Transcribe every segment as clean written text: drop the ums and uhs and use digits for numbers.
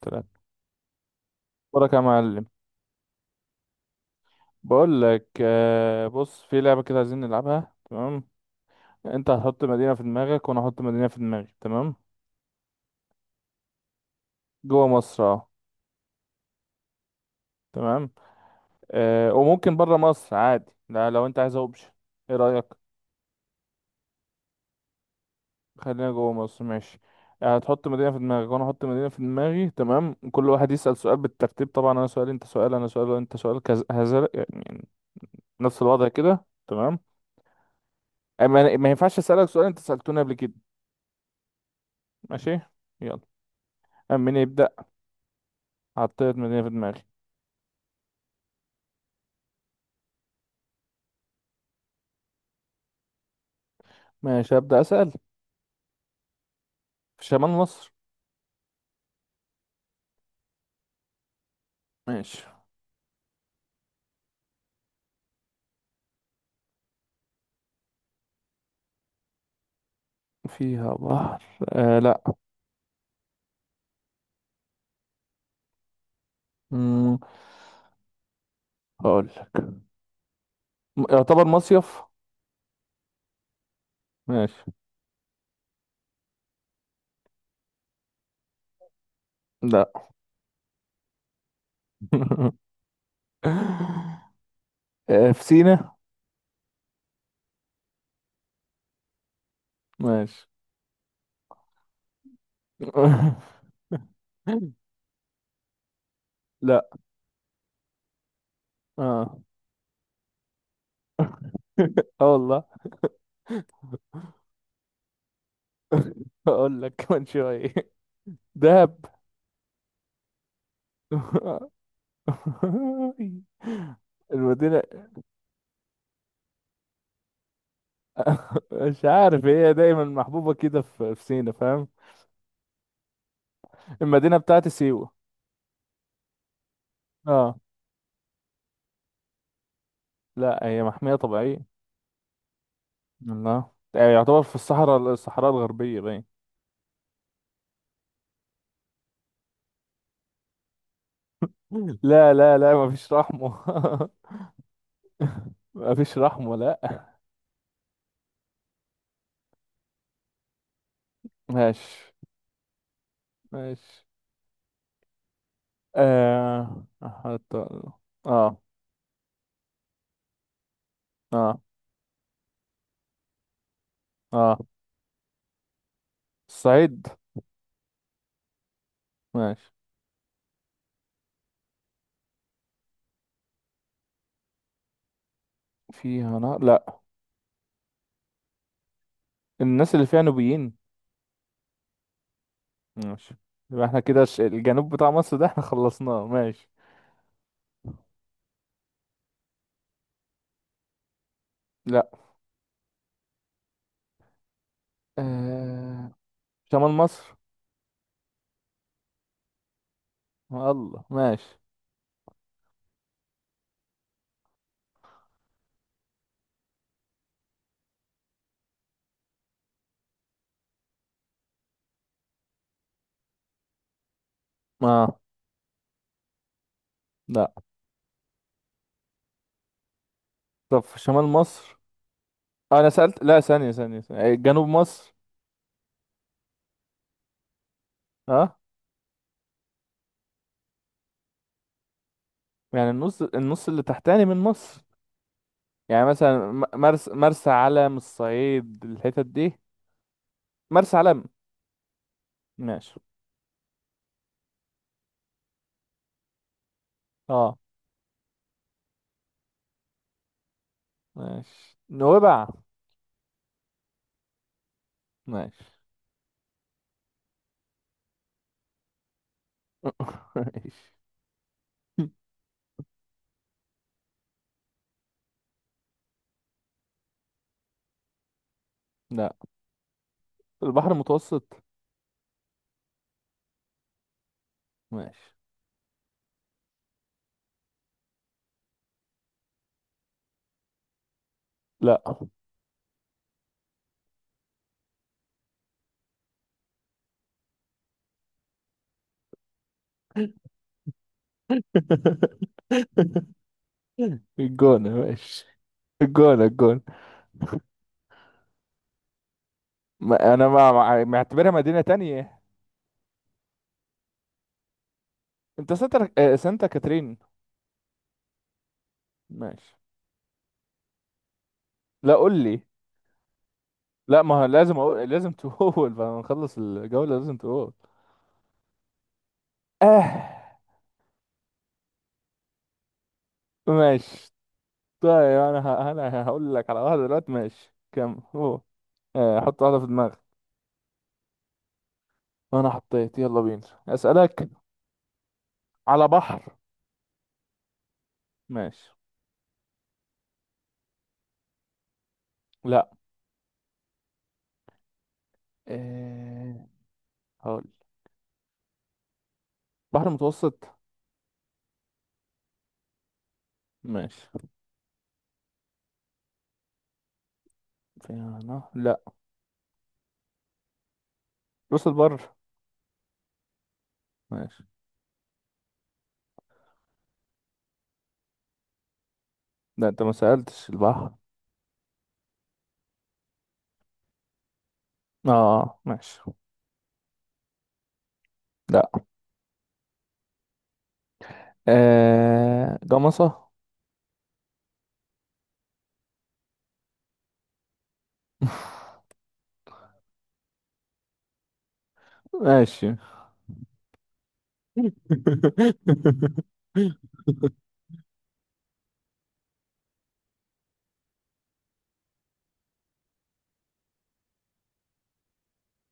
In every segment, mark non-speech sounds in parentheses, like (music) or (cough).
تلاتة. أخبارك يا معلم؟ بقول لك بص، في لعبة كده عايزين نلعبها، تمام؟ أنت هتحط مدينة في دماغك وأنا هحط مدينة في دماغي، تمام. جوه مصر، أه. تمام. وممكن بره مصر عادي، لا لو أنت عايز أوبشن. إيه رأيك؟ خلينا جوه مصر، ماشي. هتحط مدينة في دماغك وأنا هحط مدينة في دماغي، تمام. كل واحد يسأل سؤال بالترتيب، طبعا أنا سؤال أنت سؤال أنا سؤال أنت سؤال كذا، هذا يعني نفس الوضع كده، تمام. أما- ما ينفعش أسألك سؤال أنت سألتوني قبل كده. ماشي، يلا. أما نبدأ، حطيت مدينة في دماغي. ماشي، هبدأ أسأل. في شمال مصر؟ ماشي. فيها بحر؟ لا. مم. هقول، يعتبر مصيف. ماشي. لا. (laughs) في سينا. ماشي. (laughs) لا. اه. (laughs) اه والله. (laughs) هقول لك كمان شوية. دهب. المدينة. (laughs) مش عارف، هي دايما محبوبة كده في سينا، فاهم. المدينة بتاعت سيوة. اه. لا، هي محمية طبيعية. الله، يعني يعتبر في الصحراء، الصحراء الغربية، باين. لا لا لا، مفيش رحمة. (laughs) مفيش رحمة، لا. ماشي، ماشي. حتى. اه. اه. اه. الصعيد. ماشي. فيها نار، لا. الناس اللي فيها نوبيين. ماشي. يبقى احنا كده الجنوب بتاع مصر ده احنا خلصناه. ماشي. لا. آه شمال مصر. الله، ماشي. اه. لا. طب في شمال مصر. انا سألت، لا، ثانية ثانية ثانية. إيه، جنوب مصر. ها. يعني النص، النص اللي تحتاني من مصر. يعني مثلا مرسى علم، الصعيد، الحتت دي. مرسى علم. ماشي. اه، ماشي. نوبع. ماشي. (laughs) ماشي لا. البحر المتوسط. ماشي. لا. (laughs) الجونة. ماشي. الجونة، الجونة، ما انا معتبرها مدينة تانية. انت سانتا كاترين. ماشي. لا، قول لي. لا ما هو لازم أقول، لازم تقول. (laughs) بعد ما نخلص الجولة لازم تقول. اه. ماشي. طيب، انا هقول لك على واحدة دلوقتي، ماشي كم هو. حط واحدة في دماغك. انا حطيت، يلا بينا. اسألك. على بحر؟ ماشي. لا. آه هقول بحر متوسط. ماشي. في نهر، لا. راس البر. ماشي. لا، انت ما سألتش البحر. اه، ماشي. لا. جمصة. (laughs) ماشي. (laughs)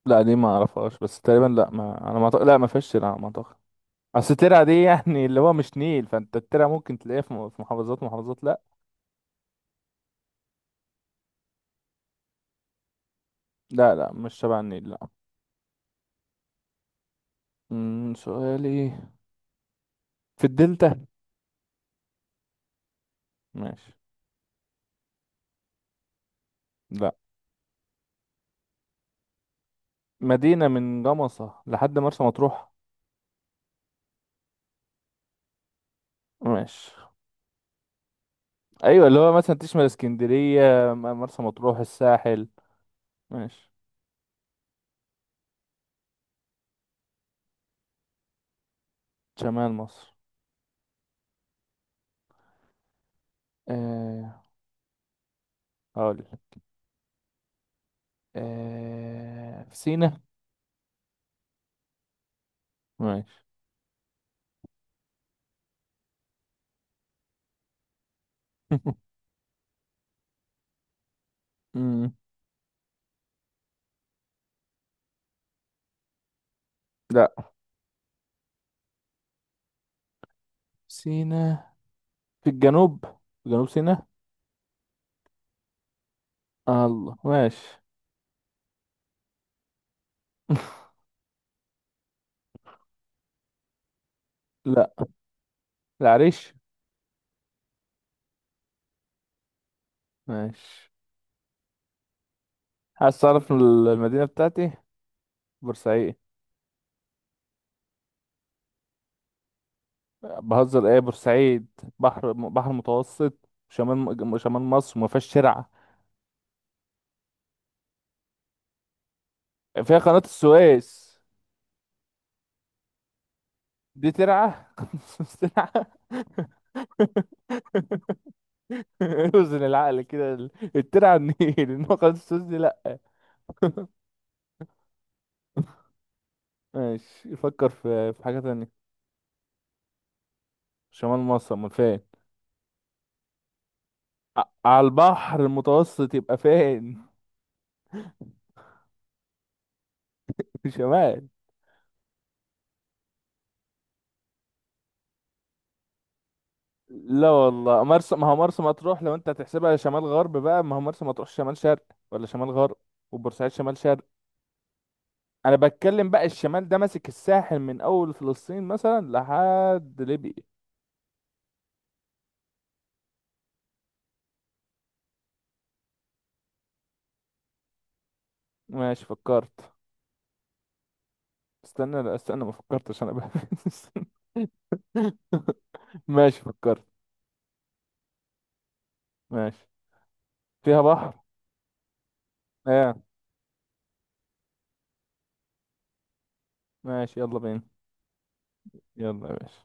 لا، دي ما اعرفهاش بس تقريبا، لا، ما انا ما أعتقد- لا ما فيش، لا ما اعتقد. اصل ترعه دي يعني اللي هو مش نيل، فانت الترعه ممكن تلاقيها في في محافظات ومحافظات، لا. لا لا، مش شبه النيل، لا. سؤالي، في الدلتا؟ ماشي. لا. مدينه من جمصه لحد مرسى مطروح. ماشي. ايوه، اللي هو مثلا تشمل اسكندريه، مرسى مطروح، الساحل. ماشي. شمال مصر. آه هقول. في سينا. ماشي. (laughs) أمم، لا، سينا في الجنوب، في جنوب سيناء. الله، ماشي. (laughs) لا. العريش. ماشي. عايز تعرف المدينة بتاعتي؟ بورسعيد. بهزر ايه؟ بورسعيد، بحر، بحر متوسط، شمال مصر، ما فيهاش ترعة. فيها قناة السويس، دي ترعة؟ (laughs) قناة السويس ترعة؟ (laughs) اوزن العقل كده، الترعة النيل. (laughs) انما قناة السويس دي لا. (laughs) ماشي، يفكر في حاجة تانية. شمال مصر ما فيهاش، على البحر المتوسط يبقى فين؟ (laughs) شمال. لا والله، مرسى، ما هو مرسى مطروح لو انت هتحسبها شمال غرب بقى، ما هو مرسى مطروح شمال شرق ولا شمال غرب، وبورسعيد شمال شرق. انا بتكلم بقى الشمال ده ماسك الساحل من اول فلسطين مثلا لحد ليبيا. ماشي، فكرت. استنى، لا استنى، ما فكرتش انا بقى. (laughs) ماشي، فكرت. ماشي. فيها بحر. اه، ماشي. يلا بينا. يلا يا باشا.